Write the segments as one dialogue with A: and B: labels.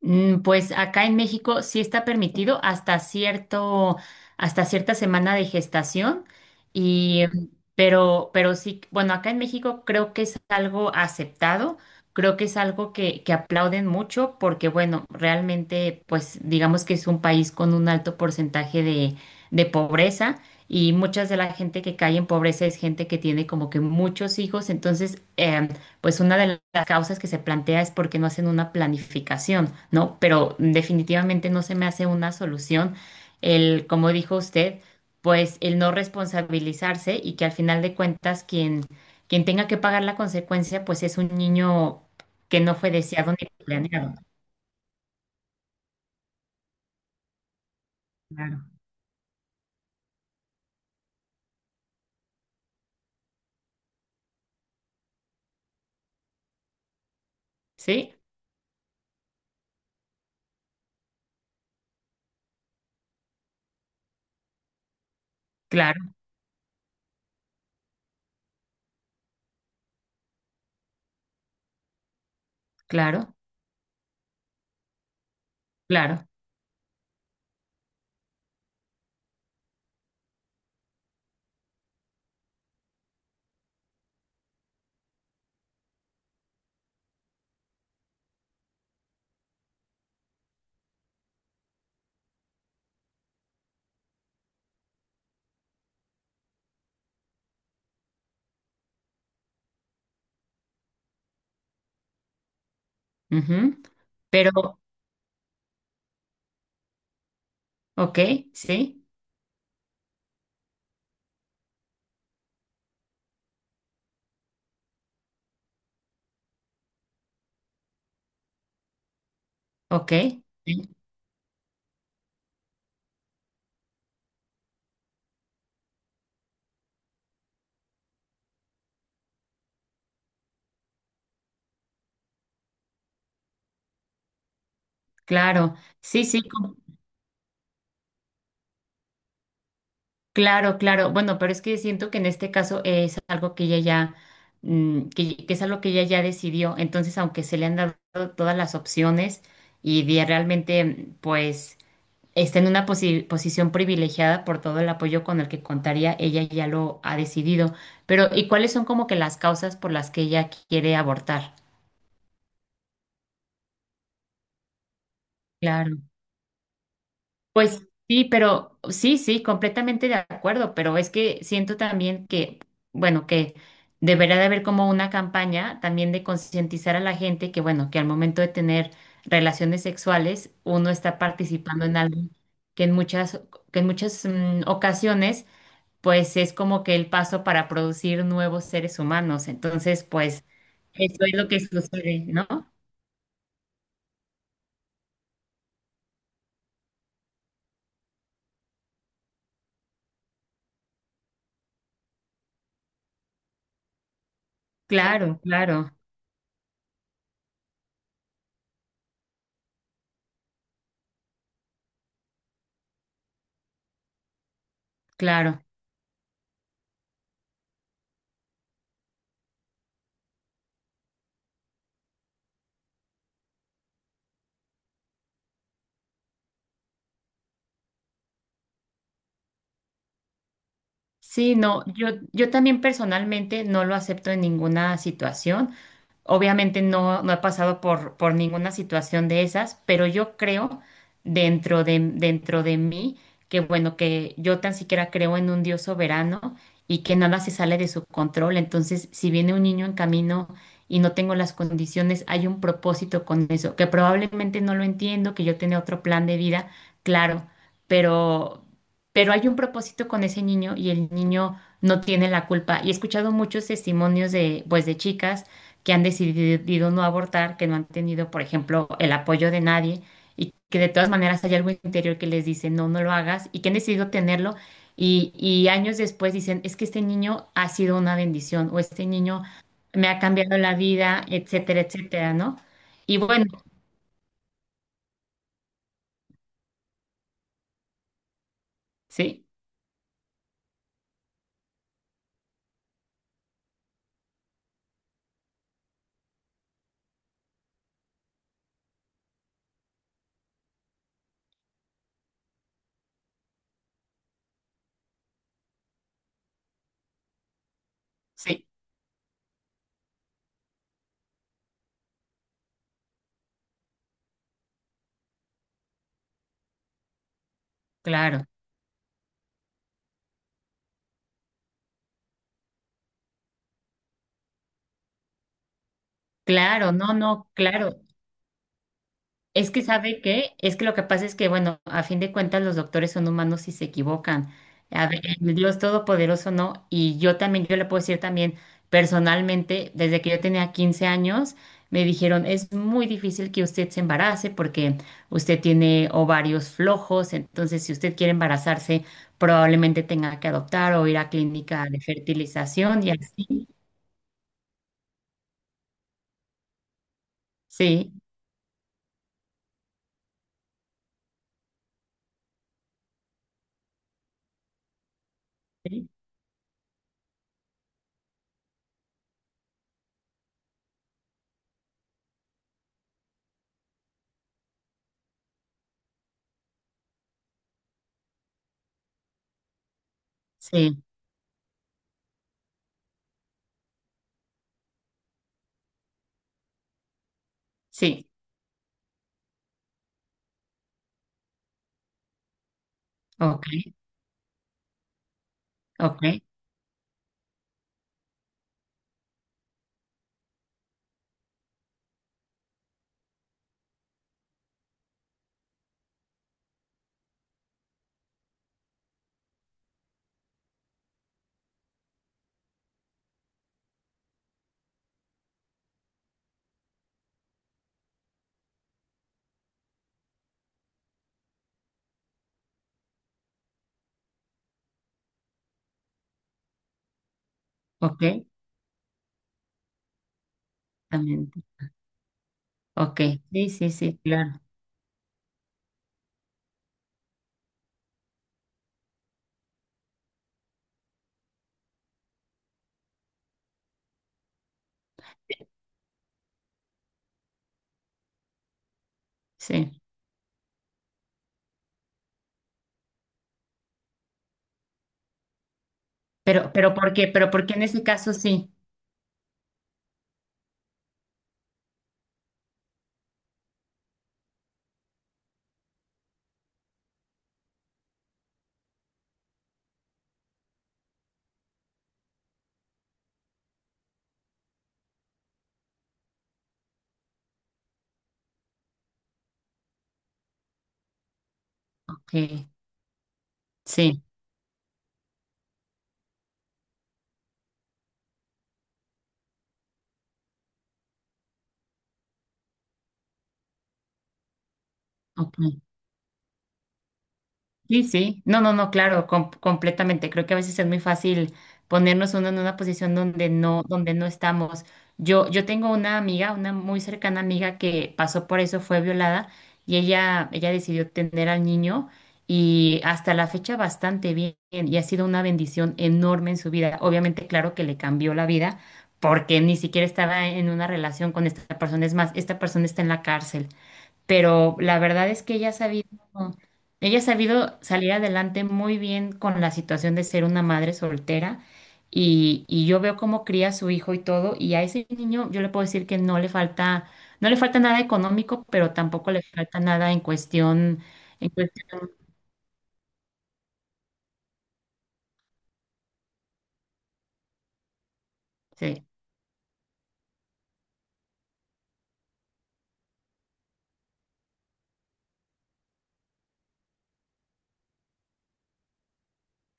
A: Pues acá en México sí está permitido hasta cierta semana de gestación y pero sí, bueno, acá en México creo que es algo aceptado, creo que es algo que aplauden mucho porque, bueno, realmente, pues digamos que es un país con un alto porcentaje de pobreza y muchas de la gente que cae en pobreza es gente que tiene como que muchos hijos, entonces pues una de las causas que se plantea es porque no hacen una planificación, ¿no? Pero definitivamente no se me hace una solución el, como dijo usted, pues el no responsabilizarse y que al final de cuentas quien tenga que pagar la consecuencia, pues es un niño que no fue deseado ni planeado. Claro. ¿Sí? Claro, claro, claro. Ujú. Pero, ok, sí, ok, sí, claro. Sí, sí, claro, claro. Bueno, pero es que siento que en este caso es algo que ella ya, que es algo que ella ya decidió. Entonces, aunque se le han dado todas las opciones y realmente, pues, está en una posición privilegiada por todo el apoyo con el que contaría, ella ya lo ha decidido. Pero, ¿y cuáles son como que las causas por las que ella quiere abortar? Claro. Pues sí, pero sí, sí, completamente de acuerdo, pero es que siento también que, bueno, que deberá de haber como una campaña también de concientizar a la gente que, bueno, que al momento de tener relaciones sexuales uno está participando en algo que en muchas, que en muchas ocasiones, pues es como que el paso para producir nuevos seres humanos. Entonces, pues eso es lo que sucede, ¿no? Claro, claro, claro. Sí, no, yo también personalmente no lo acepto en ninguna situación. Obviamente no he pasado por ninguna situación de esas, pero yo creo dentro de mí que, bueno, que yo tan siquiera creo en un Dios soberano y que nada se sale de su control. Entonces, si viene un niño en camino y no tengo las condiciones, hay un propósito con eso, que probablemente no lo entiendo, que yo tenía otro plan de vida, claro, pero hay un propósito con ese niño y el niño no tiene la culpa. Y he escuchado muchos testimonios de, pues, de chicas que han decidido no abortar, que no han tenido, por ejemplo, el apoyo de nadie y que de todas maneras hay algo interior que les dice, no, no lo hagas y que han decidido tenerlo. Y años después dicen, es que este niño ha sido una bendición o este niño me ha cambiado la vida, etcétera, etcétera, ¿no? Y bueno, sí, sí, claro, claro, no, no, claro. Es que lo que pasa es que, bueno, a fin de cuentas los doctores son humanos y se equivocan. A ver, el Dios Todopoderoso no, y yo también, yo le puedo decir también personalmente, desde que yo tenía 15 años, me dijeron, es muy difícil que usted se embarace porque usted tiene ovarios flojos, entonces si usted quiere embarazarse, probablemente tenga que adoptar o ir a clínica de fertilización y así. Sí, sí, sí, sí, ok, ok, ok, también. Ok, sí, sí, sí, claro, sí. Pero ¿por qué? Pero ¿por qué en ese caso sí? Ok, sí, ok, sí, sí, no, no, no, claro, completamente. Creo que a veces es muy fácil ponernos uno en una posición donde no estamos. Yo tengo una amiga, una muy cercana amiga que pasó por eso, fue violada y ella decidió tener al niño y hasta la fecha bastante bien y ha sido una bendición enorme en su vida. Obviamente, claro que le cambió la vida porque ni siquiera estaba en una relación con esta persona. Es más, esta persona está en la cárcel pero la verdad es que ella ha sabido salir adelante muy bien con la situación de ser una madre soltera y yo veo cómo cría a su hijo y todo, y a ese niño yo le puedo decir que no le falta, no le falta nada económico, pero tampoco le falta nada en cuestión, sí,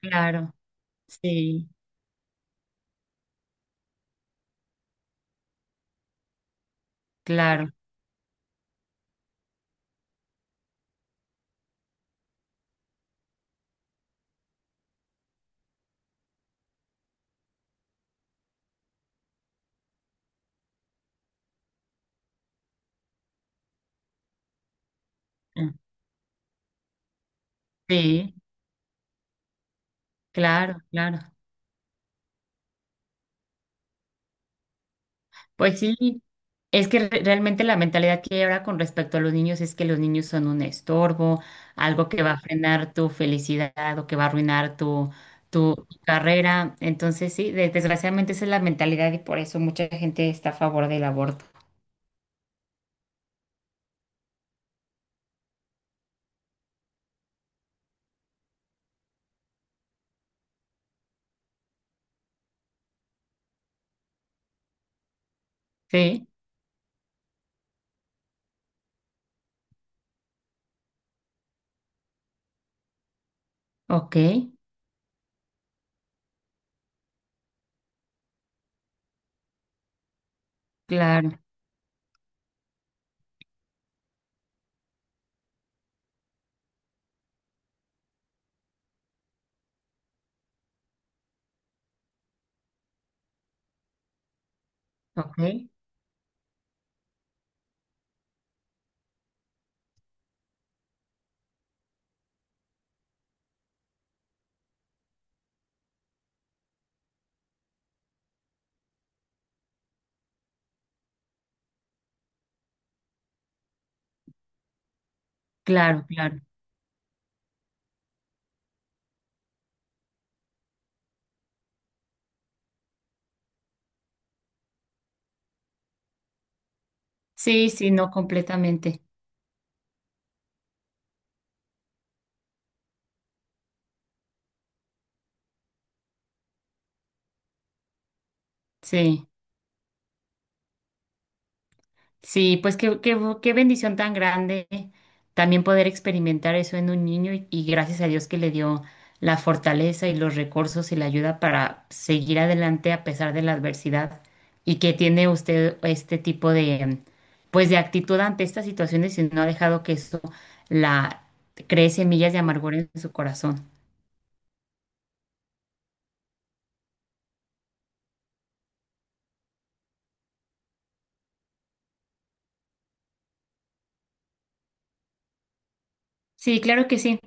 A: claro, sí, claro, sí, claro, claro. Pues sí, es que realmente la mentalidad que hay ahora con respecto a los niños es que los niños son un estorbo, algo que va a frenar tu felicidad o que va a arruinar tu, tu carrera. Entonces, sí, desgraciadamente esa es la mentalidad y por eso mucha gente está a favor del aborto. Sí, ok, claro, ok, claro, claro. Sí, sí, no completamente. Sí. Sí, pues qué bendición tan grande también poder experimentar eso en un niño y gracias a Dios que le dio la fortaleza y los recursos y la ayuda para seguir adelante a pesar de la adversidad y que tiene usted este tipo de pues de actitud ante estas situaciones y no ha dejado que eso la cree semillas de amargura en su corazón. Sí, claro que sí.